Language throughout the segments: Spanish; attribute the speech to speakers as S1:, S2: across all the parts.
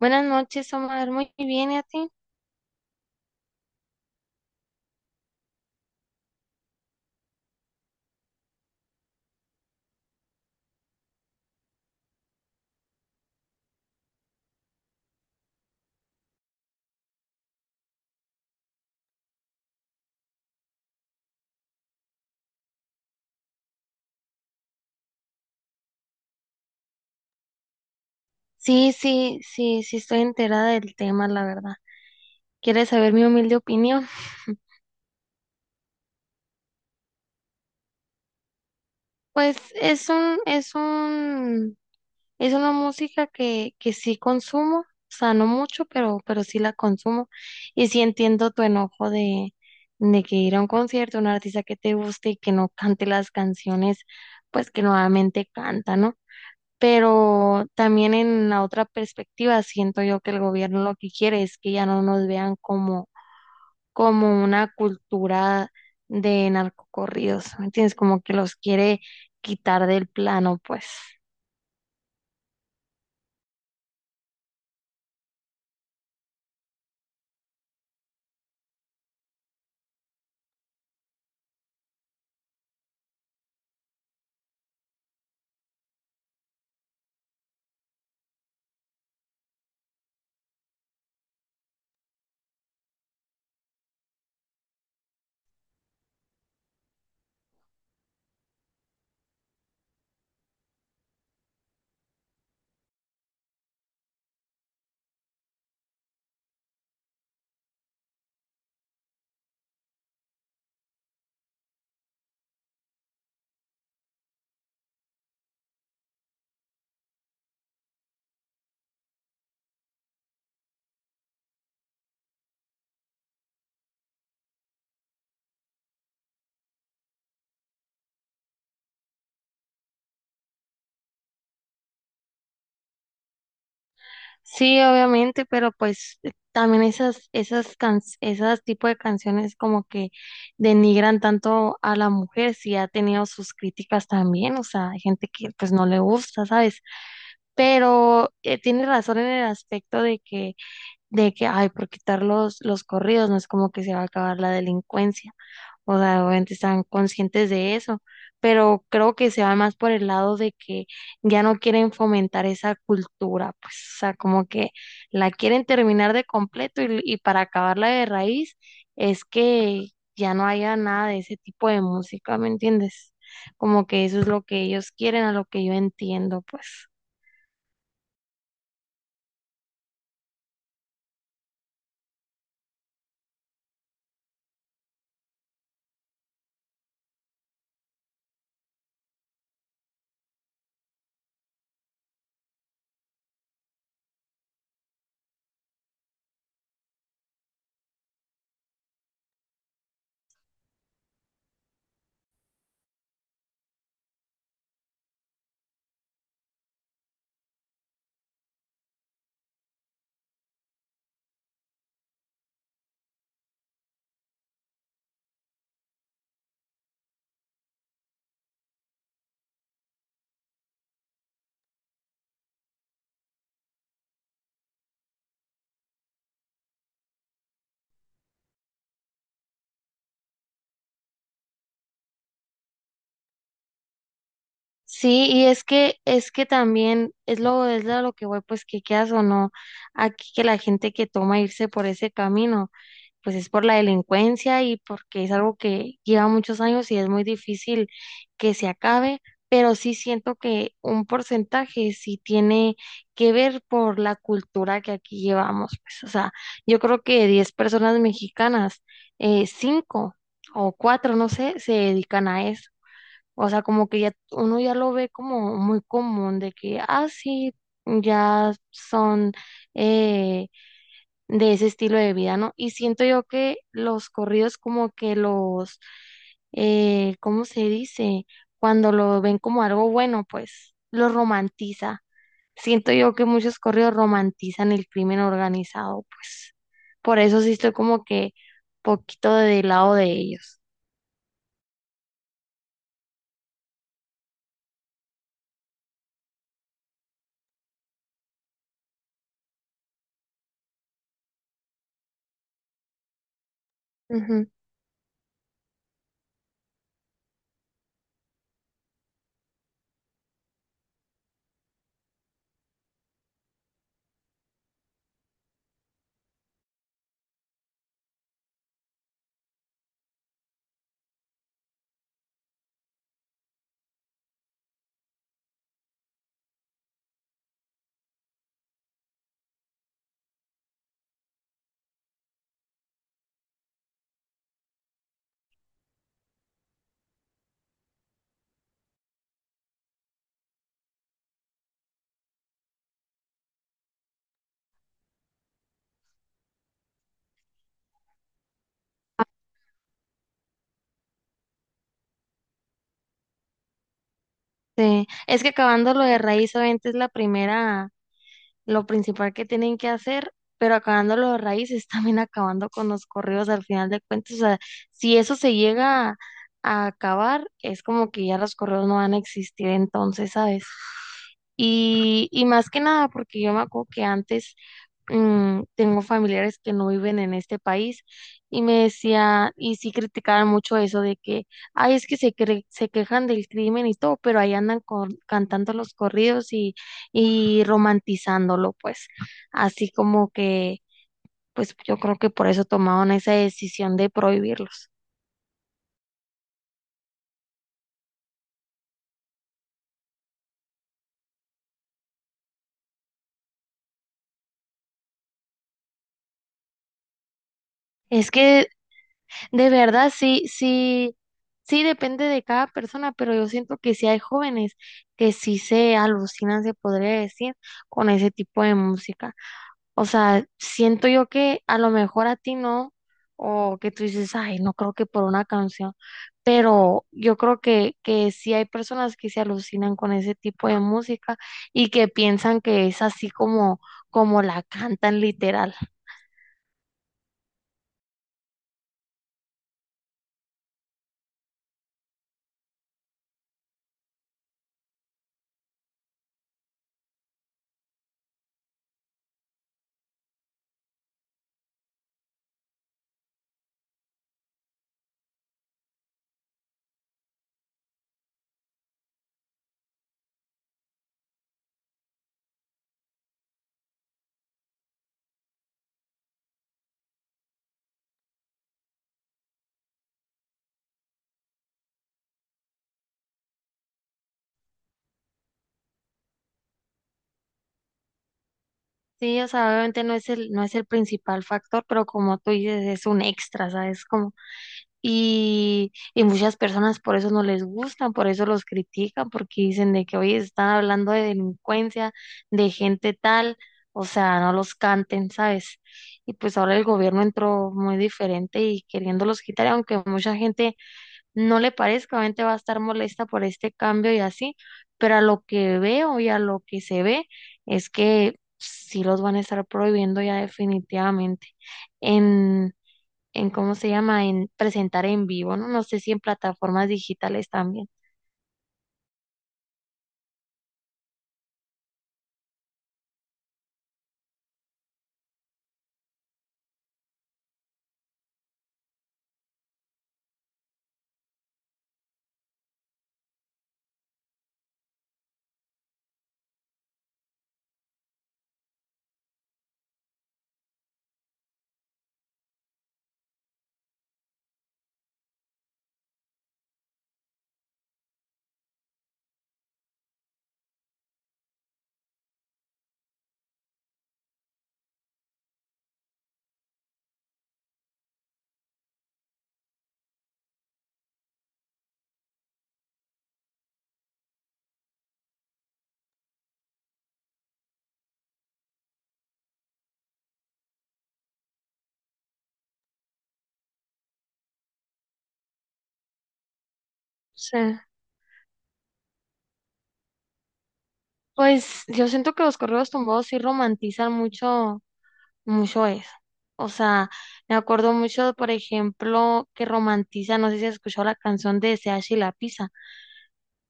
S1: Buenas noches, Omar. Muy bien, ¿y a ti? Sí, sí, sí, sí estoy enterada del tema, la verdad. ¿Quieres saber mi humilde opinión? Pues es una música que sí consumo, o sea, no mucho, pero sí la consumo. Y sí entiendo tu enojo de que ir a un concierto, un artista que te guste y que no cante las canciones, pues que nuevamente canta, ¿no? Pero también en la otra perspectiva siento yo que el gobierno lo que quiere es que ya no nos vean como, como una cultura de narcocorridos, ¿me entiendes? Como que los quiere quitar del plano, pues. Sí, obviamente, pero pues también esas tipo de canciones como que denigran tanto a la mujer, si ha tenido sus críticas también, o sea, hay gente que pues no le gusta, ¿sabes? Pero tiene razón en el aspecto de que, ay, por quitar los corridos, no es como que se va a acabar la delincuencia. O sea, obviamente están conscientes de eso, pero creo que se va más por el lado de que ya no quieren fomentar esa cultura, pues, o sea, como que la quieren terminar de completo y para acabarla de raíz es que ya no haya nada de ese tipo de música, ¿me entiendes? Como que eso es lo que ellos quieren, a lo que yo entiendo, pues. Sí, y es que también es a lo que voy, pues que quieras o no, aquí que la gente que toma irse por ese camino, pues es por la delincuencia y porque es algo que lleva muchos años y es muy difícil que se acabe, pero sí siento que un porcentaje sí tiene que ver por la cultura que aquí llevamos, pues, o sea, yo creo que de 10 personas mexicanas, 5 o 4 no sé, se dedican a eso. O sea, como que ya uno ya lo ve como muy común de que, ah, sí, ya son eh, de ese estilo de vida, ¿no? Y siento yo que los corridos como que los, ¿cómo se dice? Cuando lo ven como algo bueno, pues lo romantiza. Siento yo que muchos corridos romantizan el crimen organizado, pues por eso sí estoy como que poquito del lado de ellos. Ujú. Es que acabando lo de raíz, obviamente es la primera lo principal que tienen que hacer, pero acabando los raíces, también acabando con los correos al final de cuentas. O sea, si eso se llega a acabar, es como que ya los correos no van a existir entonces, ¿sabes? Y más que nada, porque yo me acuerdo que antes tengo familiares que no viven en este país y me decían, y sí criticaban mucho eso de que, ay, es que se, cre- se quejan del crimen y todo, pero ahí andan con- cantando los corridos y romantizándolo, pues, así como que, pues yo creo que por eso tomaron esa decisión de prohibirlos. Es que de verdad, sí, sí, sí depende de cada persona, pero yo siento que sí hay jóvenes que sí se alucinan, se podría decir, con ese tipo de música. O sea, siento yo que a lo mejor a ti no, o que tú dices, ay, no creo que por una canción, pero yo creo que sí hay personas que se alucinan con ese tipo de música y que piensan que es así como, como la cantan literal. Sí, o sea, obviamente no es el principal factor, pero como tú dices, es un extra, ¿sabes? Como, y muchas personas por eso no les gustan, por eso los critican, porque dicen de que hoy están hablando de delincuencia, de gente tal, o sea, no los canten, ¿sabes? Y pues ahora el gobierno entró muy diferente y queriéndolos quitar, aunque mucha gente no le parezca, obviamente va a estar molesta por este cambio y así, pero a lo que veo y a lo que se ve es que sí los van a estar prohibiendo ya definitivamente en, en ¿cómo se llama? En presentar en vivo, ¿no? No sé si en plataformas digitales también. Sí. Pues yo siento que los correos tumbados sí romantizan mucho, mucho eso. O sea, me acuerdo mucho, por ejemplo, que romantiza, no sé si has escuchado la canción de SH y la Pizza.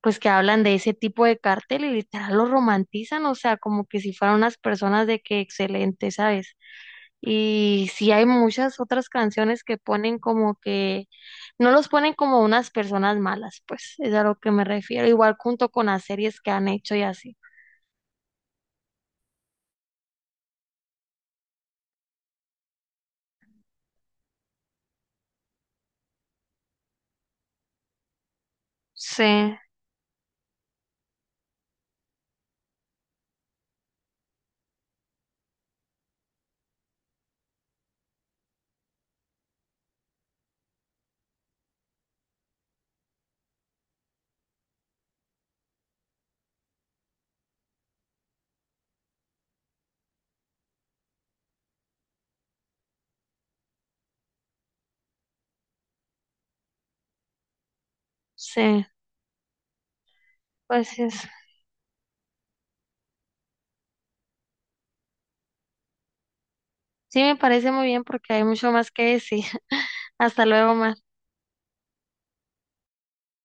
S1: Pues que hablan de ese tipo de cartel y literal lo romantizan, o sea, como que si fueran unas personas de que excelente, ¿sabes? Y sí hay muchas otras canciones que ponen como que no los ponen como unas personas malas, pues es a lo que me refiero, igual junto con las series que han hecho y así. Sí, sí, pues es- sí me parece muy bien porque hay mucho más que decir. Hasta luego, Mar.